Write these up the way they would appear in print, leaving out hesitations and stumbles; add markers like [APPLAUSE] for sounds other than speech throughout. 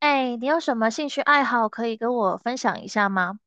哎，你有什么兴趣爱好可以跟我分享一下吗？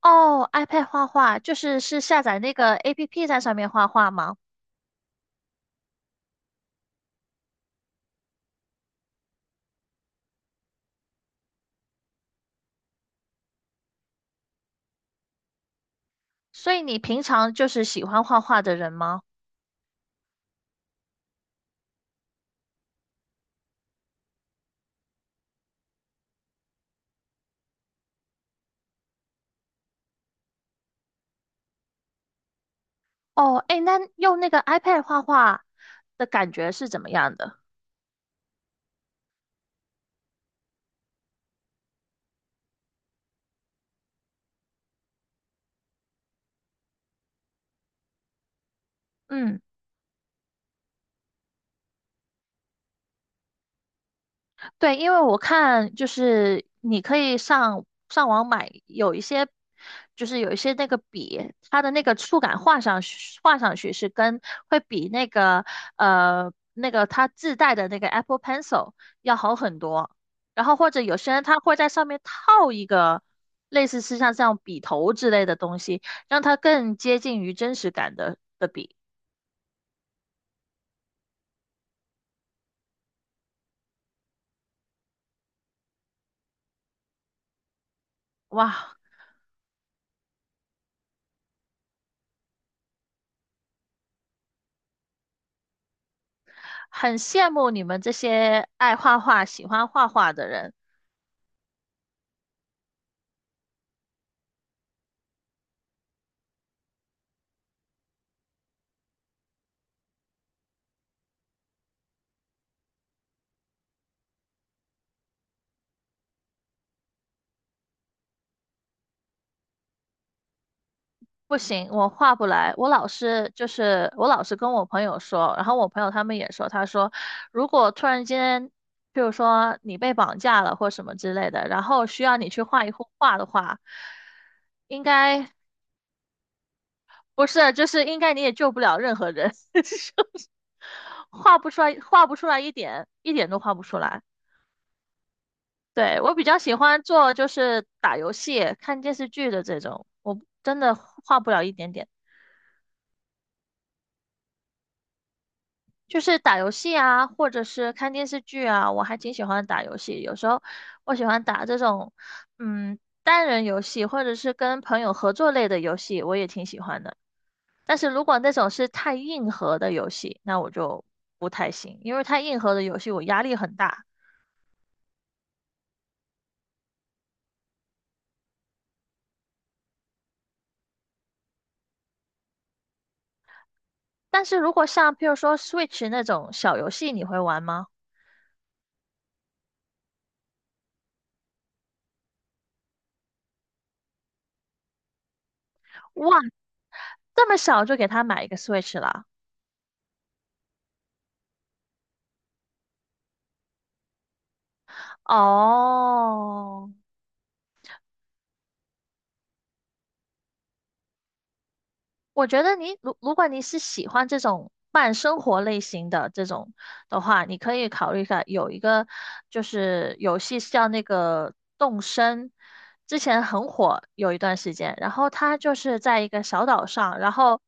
哦，iPad 画画，就是下载那个 APP 在上面画画吗？所以你平常就是喜欢画画的人吗？哦，哎，那用那个 iPad 画画的感觉是怎么样的？嗯。对，因为我看就是你可以上网买，有一些就是有一些那个笔，它的那个触感画上去是跟会比那个那个它自带的那个 Apple Pencil 要好很多。然后或者有些人他会在上面套一个类似是像这样笔头之类的东西，让它更接近于真实感的笔。哇，很羡慕你们这些爱画画、喜欢画画的人。不行，我画不来。我老是跟我朋友说，然后我朋友他们也说，他说如果突然间，比如说你被绑架了或什么之类的，然后需要你去画一幅画的话，应该不是，就是应该你也救不了任何人，[LAUGHS] 就是画不出来，画不出来一点，一点都画不出来。对，我比较喜欢做就是打游戏、看电视剧的这种，我真的画不了一点点。就是打游戏啊，或者是看电视剧啊，我还挺喜欢打游戏。有时候我喜欢打这种，嗯，单人游戏，或者是跟朋友合作类的游戏，我也挺喜欢的。但是如果那种是太硬核的游戏，那我就不太行，因为太硬核的游戏我压力很大。但是如果像譬如说 Switch 那种小游戏，你会玩吗？哇，这么小就给他买一个 Switch 了啊？哦，我觉得如果你是喜欢这种慢生活类型的这种的话，你可以考虑一下，有一个就是游戏是叫那个动森，之前很火有一段时间，然后它就是在一个小岛上，然后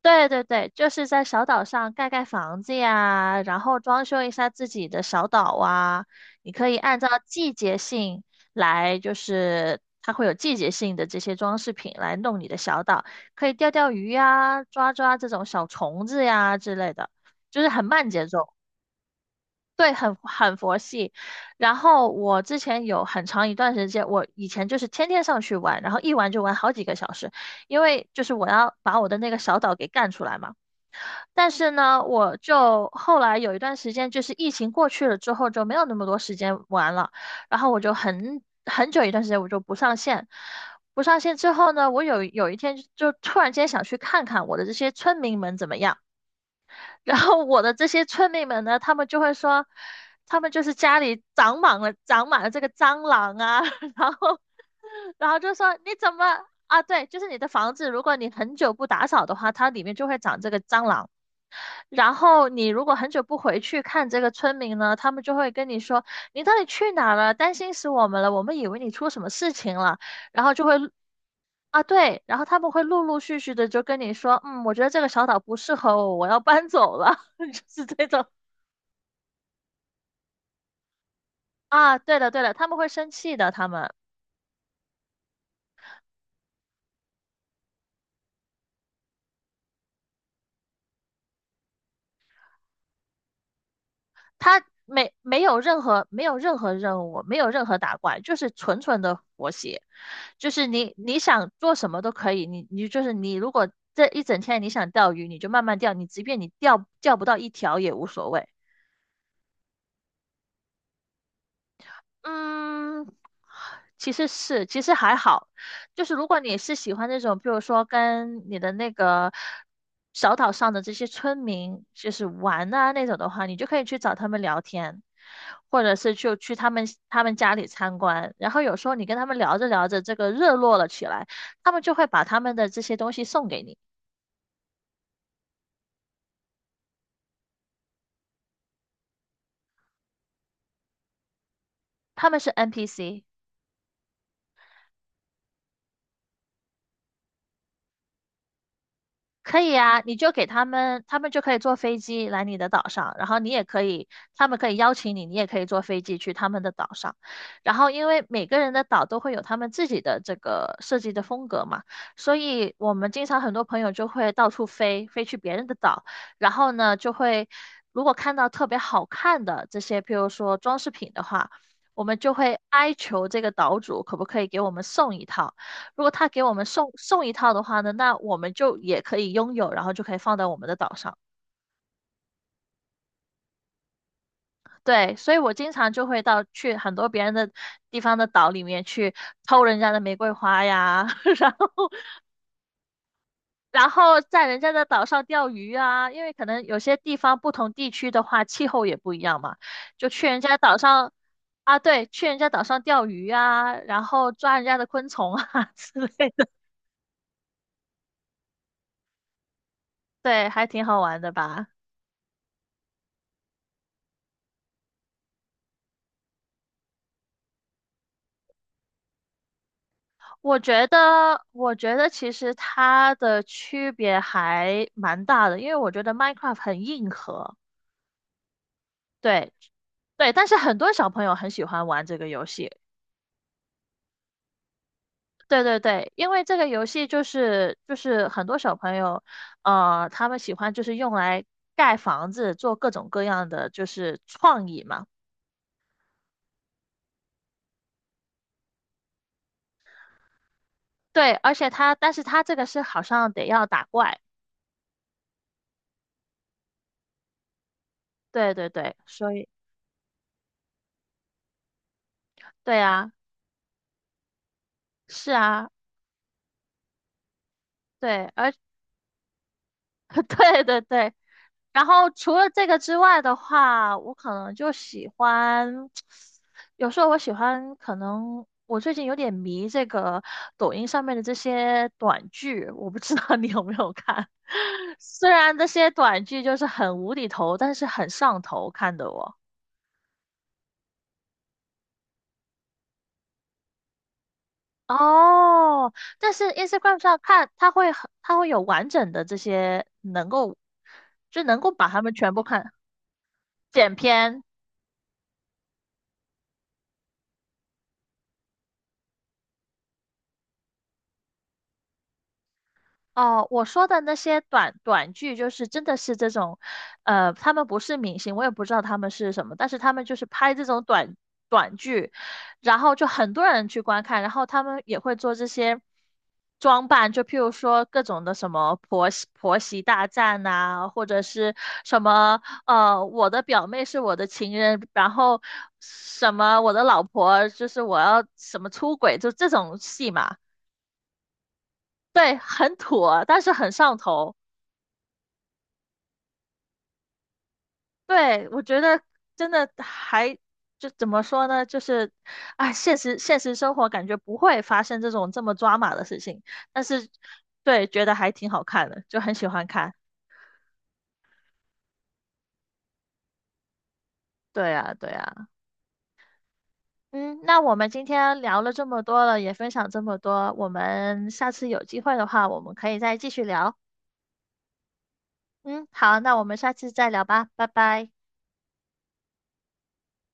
对对对，就是在小岛上盖盖房子呀，然后装修一下自己的小岛啊。你可以按照季节性来，就是它会有季节性的这些装饰品来弄你的小岛，可以钓钓鱼呀，抓抓这种小虫子呀之类的，就是很慢节奏，对，很佛系。然后我之前有很长一段时间，我以前就是天天上去玩，然后一玩就玩好几个小时，因为就是我要把我的那个小岛给干出来嘛。但是呢，我就后来有一段时间，就是疫情过去了之后，就没有那么多时间玩了。然后我就很久一段时间我就不上线，不上线之后呢，我有一天就突然间想去看看我的这些村民们怎么样。然后我的这些村民们呢，他们就会说，他们就是家里长满了这个蟑螂啊，[LAUGHS] 然后然后就说你怎么啊？对，就是你的房子，如果你很久不打扫的话，它里面就会长这个蟑螂。然后你如果很久不回去看这个村民呢，他们就会跟你说你到底去哪儿了，担心死我们了，我们以为你出什么事情了，然后就会啊对，然后他们会陆陆续续的就跟你说，嗯，我觉得这个小岛不适合我，我要搬走了，[LAUGHS] 就是这种啊，对的，对的，他们会生气的，他们。他没有任何没有任何任务，没有任何打怪，就是纯纯的活写，就是你想做什么都可以，你你就是你如果这一整天你想钓鱼，你就慢慢钓，你即便你钓不到一条也无所谓。嗯，其实是，其实还好，就是如果你是喜欢那种，比如说跟你的那个小岛上的这些村民，就是玩啊那种的话，你就可以去找他们聊天，或者是就去他们家里参观。然后有时候你跟他们聊着聊着，这个热络了起来，他们就会把他们的这些东西送给你，他们是 NPC。可以啊，你就给他们，他们就可以坐飞机来你的岛上，然后你也可以，他们可以邀请你，你也可以坐飞机去他们的岛上。然后，因为每个人的岛都会有他们自己的这个设计的风格嘛，所以我们经常很多朋友就会到处飞，飞去别人的岛，然后呢，就会如果看到特别好看的这些，譬如说装饰品的话，我们就会哀求这个岛主可不可以给我们送一套。如果他给我们送一套的话呢，那我们就也可以拥有，然后就可以放在我们的岛上。对，所以我经常就会到去很多别人的地方的岛里面去偷人家的玫瑰花呀，[LAUGHS] 然后然后在人家的岛上钓鱼啊，因为可能有些地方不同地区的话气候也不一样嘛，就去人家岛上啊，对，去人家岛上钓鱼啊，然后抓人家的昆虫啊 [LAUGHS] 之类的，对，还挺好玩的吧。我觉得，我觉得其实它的区别还蛮大的，因为我觉得 Minecraft 很硬核，对对，但是很多小朋友很喜欢玩这个游戏，对对对，因为这个游戏就是很多小朋友，他们喜欢就是用来盖房子，做各种各样的就是创意嘛，对，而且它，但是它这个是好像得要打怪，对对对，所以对啊，是啊。对，而 [LAUGHS] 对对对，然后除了这个之外的话，我可能就喜欢，有时候我喜欢，可能我最近有点迷这个抖音上面的这些短剧，我不知道你有没有看。[LAUGHS] 虽然这些短剧就是很无厘头，但是很上头，看的我。哦，但是 Instagram 上看，它会很，它会有完整的这些能够，就能够把它们全部看剪片。哦，我说的那些短剧，就是真的是这种，他们不是明星，我也不知道他们是什么，但是他们就是拍这种短剧，然后就很多人去观看，然后他们也会做这些装扮，就譬如说各种的什么婆媳大战呐、或者是什么我的表妹是我的情人，然后什么我的老婆就是我要什么出轨，就这种戏嘛，对，很土啊但是很上头。对，我觉得真的还就怎么说呢？就是啊，现实生活感觉不会发生这种这么抓马的事情，但是对，觉得还挺好看的，就很喜欢看。对啊，对啊。嗯，那我们今天聊了这么多了，也分享这么多，我们下次有机会的话，我们可以再继续聊。嗯，好，那我们下次再聊吧，拜拜。